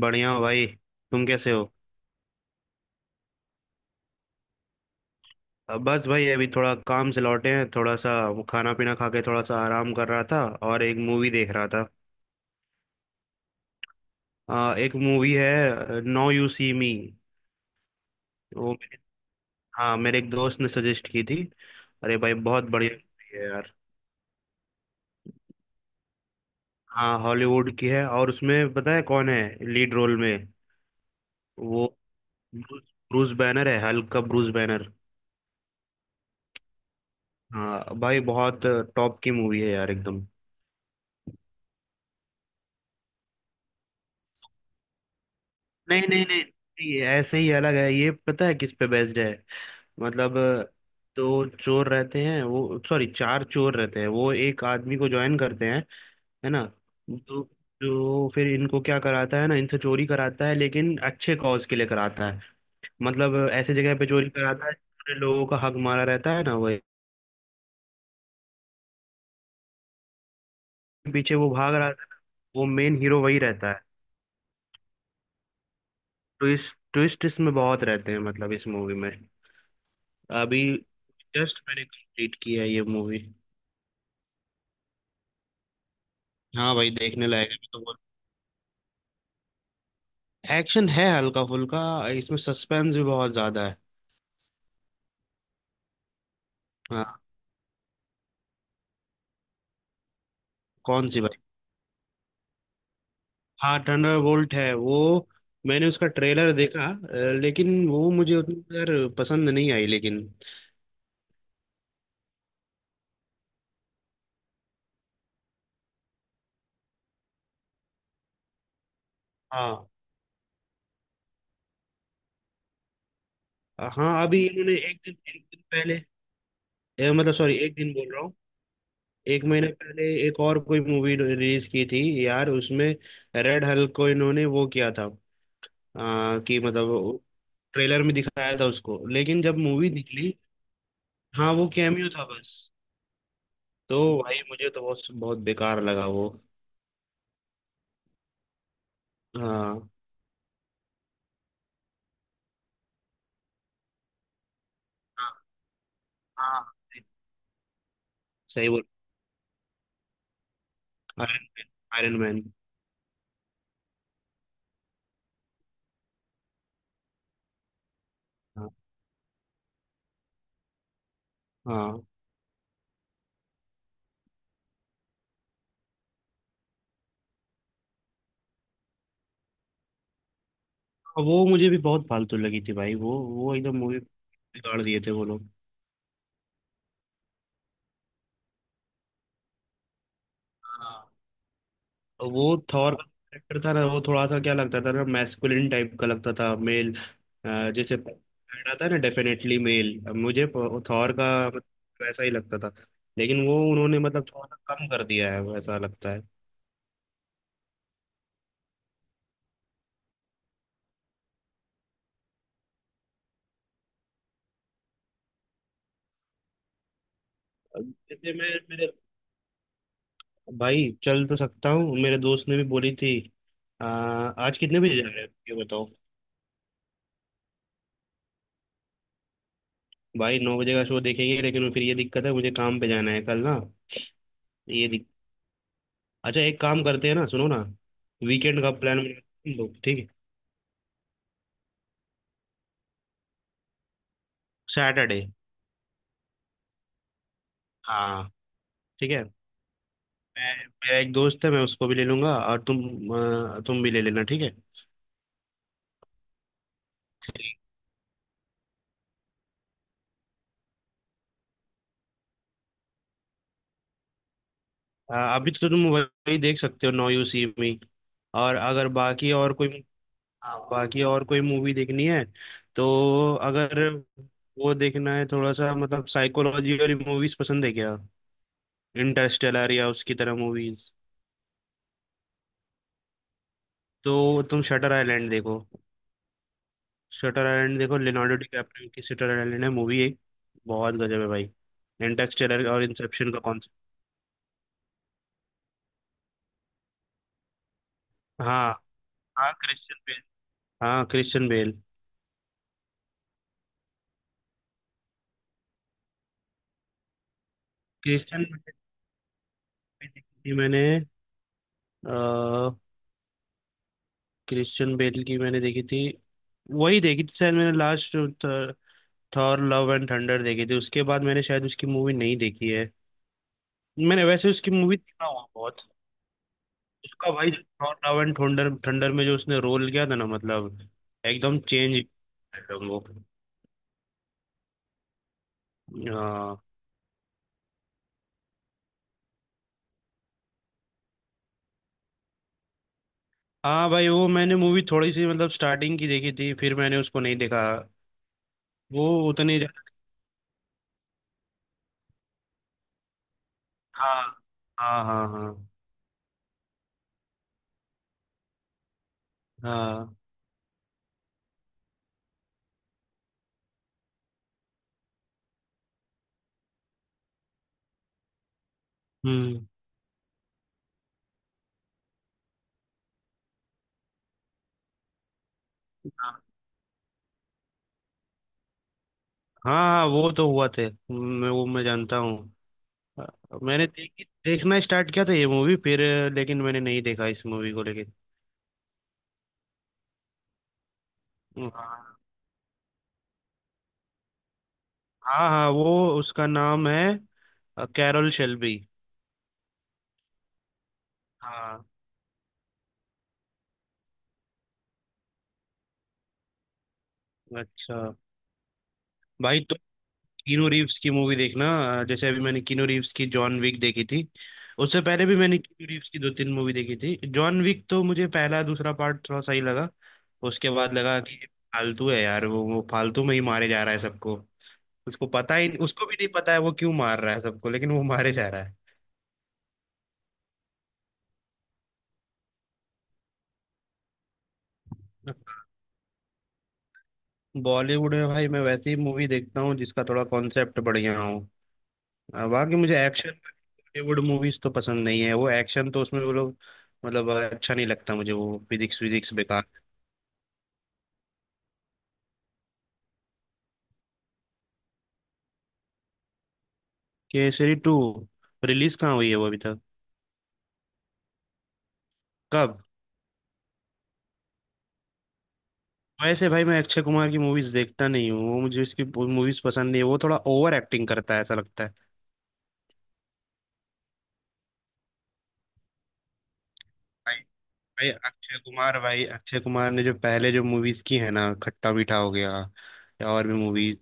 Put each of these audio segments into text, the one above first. बढ़िया हो भाई। तुम कैसे हो? अब बस भाई, अभी थोड़ा काम से लौटे हैं, थोड़ा सा वो खाना पीना खा के थोड़ा सा आराम कर रहा था और एक मूवी देख रहा था। एक मूवी है, नो यू सी मी। वो। हाँ, मेरे एक दोस्त ने सजेस्ट की थी। अरे भाई बहुत बढ़िया मूवी है यार। हाँ, हॉलीवुड की है, और उसमें पता है कौन है, लीड रोल में? वो, ब्रूस, ब्रूस बैनर है, हल्क का ब्रूस बैनर। हाँ भाई, बहुत टॉप की मूवी है यार एकदम। नहीं नहीं नहीं नहीं, ऐसे ही अलग है। ये पता है किस पे बेस्ड है? मतलब दो चोर रहते हैं वो सॉरी चार चोर रहते हैं, वो एक आदमी को ज्वाइन करते हैं, है ना? तो जो फिर इनको क्या कराता है ना, इनसे चोरी कराता है, लेकिन अच्छे कॉज के लिए कराता है। मतलब ऐसे जगह पे चोरी कराता है जिसमें लोगों का हक मारा रहता है ना, वही। पीछे वो भाग रहा है, वो मेन हीरो वही रहता है। ट्विस्ट ट्विस्ट इसमें बहुत रहते हैं, मतलब इस मूवी में। अभी जस्ट मैंने कंप्लीट किया है ये मूवी। हाँ भाई, देखने लायक है। एक्शन है हल्का फुल्का, इसमें सस्पेंस भी बहुत ज्यादा है। हाँ। कौन सी भाई? हाँ, थंडरबोल्ट है वो। मैंने उसका ट्रेलर देखा, लेकिन वो मुझे उतनी यार पसंद नहीं आई, लेकिन। हाँ, हाँ। अभी इन्होंने एक दिन, एक दिन पहले, मतलब सॉरी, एक दिन बोल रहा हूँ, एक महीने पहले एक और कोई मूवी रिलीज की थी यार, उसमें रेड हल्क को इन्होंने वो किया था। कि मतलब ट्रेलर में दिखाया था उसको, लेकिन जब मूवी निकली, हाँ, वो कैमियो था बस। तो भाई मुझे तो बहुत बहुत बेकार लगा वो। हाँ, हाँ, हाँ, सही बोल। Iron Man. Iron Man. हाँ, हाँ। और वो मुझे भी बहुत फालतू लगी थी भाई, वो एकदम मूवी बिगाड़ दिए थे वो लोग। हाँ। और वो थॉर का कैरेक्टर था ना, वो थोड़ा सा क्या लगता था ना, मैस्कुलिन टाइप का लगता था, मेल जैसे पहना था ना, डेफिनेटली मेल मुझे थॉर का मतलब वैसा ही लगता था। लेकिन वो उन्होंने मतलब थोड़ा सा कम कर दिया है, वैसा लगता है। जैसे मैं मेरे भाई, चल तो सकता हूँ, मेरे दोस्त ने भी बोली थी। आज कितने बजे जा रहे हैं ये बताओ? भाई 9 बजे का शो देखेंगे, लेकिन फिर ये दिक्कत है, मुझे काम पे जाना है कल ना। ये दिक... अच्छा एक काम करते हैं ना, सुनो ना, वीकेंड का प्लान बनाते हैं हम लोग, ठीक है? सैटरडे। हाँ, ठीक है। मैं मेरा एक दोस्त है, मैं उसको भी ले लूंगा, और तुम, तुम भी ले लेना, ठीक है। अभी तो तुम वही देख सकते हो, नौ यू सी में, और अगर बाकी और कोई, हाँ, बाकी और कोई मूवी देखनी है तो, अगर वो देखना है थोड़ा सा, मतलब साइकोलॉजी वाली मूवीज पसंद है क्या? इंटरस्टेलर या उसकी तरह मूवीज, तो तुम शटर आइलैंड देखो। शटर आइलैंड देखो, लियोनार्डो डिकैप्रियो की शटर आइलैंड है मूवी एक, बहुत गजब है भाई। इंटरस्टेलर और इंसेप्शन का कॉन्सेप्ट। हाँ, हाँ, क्रिश्चियन बेल। हाँ, क्रिश्चियन बेल। क्रिश्चियन बेल भी देखी थी मैंने, क्रिश्चियन बेल की मैंने देखी थी, वही देखी थी शायद मैंने last. Thor Love and Thunder देखी थी, उसके बाद मैंने शायद उसकी मूवी नहीं देखी है। मैंने वैसे उसकी मूवी देखा हुआ बहुत। उसका भाई Thor Love and Thunder, Thunder में जो उसने रोल किया था ना, मतलब एकदम चेंज, एकदम वो। हाँ। हाँ भाई, वो मैंने मूवी थोड़ी सी मतलब स्टार्टिंग की देखी थी, फिर मैंने उसको नहीं देखा। वो उतनी, हाँ, हाँ, हाँ, हाँ, हाँ। हम्म। हाँ, हाँ, वो तो हुआ थे, मैं वो, मैं जानता हूँ। हाँ, मैंने देखी देखना स्टार्ट किया था ये मूवी, फिर लेकिन मैंने नहीं देखा इस मूवी को लेके। हाँ, हाँ, हाँ, वो उसका नाम है, कैरल शेल्बी। हाँ। अच्छा। भाई तो, कीनू रीव्स की मूवी देखना। जैसे अभी मैंने कीनू रीव्स की जॉन विक देखी थी, उससे पहले भी मैंने कीनू रीव्स की दो तीन मूवी देखी थी। जॉन विक तो मुझे पहला दूसरा पार्ट थोड़ा सही लगा, उसके बाद लगा कि ये फालतू है यार, वो फालतू में ही मारे जा रहा है सबको। उसको पता ही, उसको भी नहीं पता है वो क्यों मार रहा है सबको, लेकिन वो मारे जा रहा है। बॉलीवुड में भाई, मैं वैसी मूवी देखता हूँ जिसका थोड़ा कॉन्सेप्ट बढ़िया हो। बाकी मुझे एक्शन बॉलीवुड मूवीज तो पसंद नहीं है, वो एक्शन तो उसमें वो लोग, मतलब अच्छा नहीं लगता मुझे, वो फिजिक्स विजिक्स बेकार। केसरी टू? रिलीज कहाँ हुई है वो अभी तक? कब? वैसे भाई मैं अक्षय कुमार की मूवीज देखता नहीं हूँ, वो मुझे इसकी मूवीज पसंद नहीं है, वो थोड़ा ओवर एक्टिंग करता है ऐसा लगता है। भाई, भाई अक्षय कुमार, भाई अक्षय कुमार ने जो पहले जो मूवीज की है ना, खट्टा मीठा हो गया या और भी मूवीज,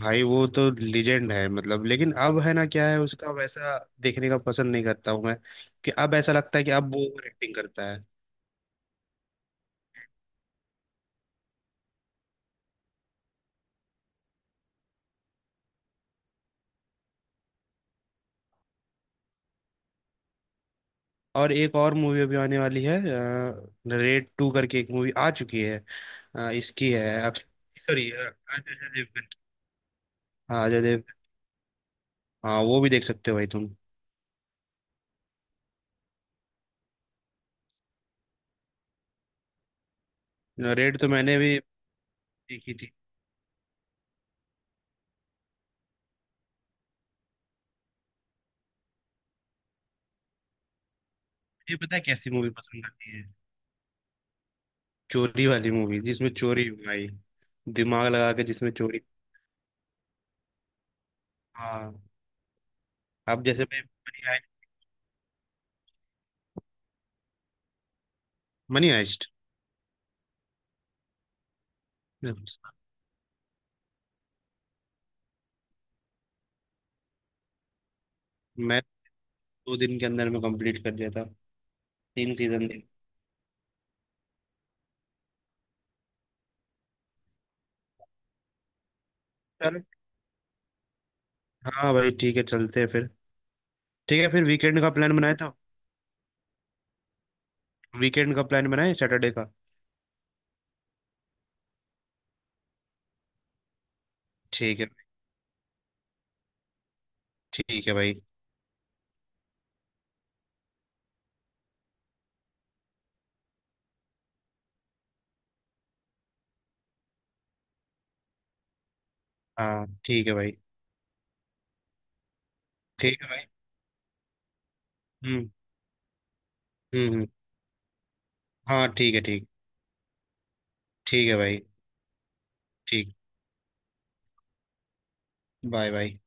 भाई वो तो लीजेंड है मतलब, लेकिन अब है ना, क्या है उसका वैसा देखने का पसंद नहीं करता हूँ मैं, कि अब ऐसा लगता है कि अब वो ओवर एक्टिंग करता है। और एक और मूवी अभी आने वाली है, रेड टू करके एक मूवी आ चुकी है, इसकी है, अब सॉरी अजय देवगन। हाँ, अजय देव, हाँ, वो भी देख सकते हो भाई तुम। रेड तो मैंने भी देखी थी। ये पता है कैसी मूवी पसंद आती है? चोरी वाली मूवी, जिसमें चोरी हो भाई, दिमाग लगा के जिसमें चोरी। हाँ। अब जैसे भाई, मनी हाइस्ट। मनी हाइस्ट मैं तो 2 दिन के अंदर में कंप्लीट कर दिया था, 3 सीजन देख। चल, हाँ भाई ठीक है, चलते हैं फिर। ठीक है, फिर वीकेंड का प्लान बनाया था, वीकेंड का प्लान बनाए सैटरडे का। ठीक है। ठीक है भाई। हाँ। ठीक है भाई। ठीक है भाई। हम्म। हम्म, हाँ ठीक है, ठीक। ठीक है भाई। ठीक। Bye bye.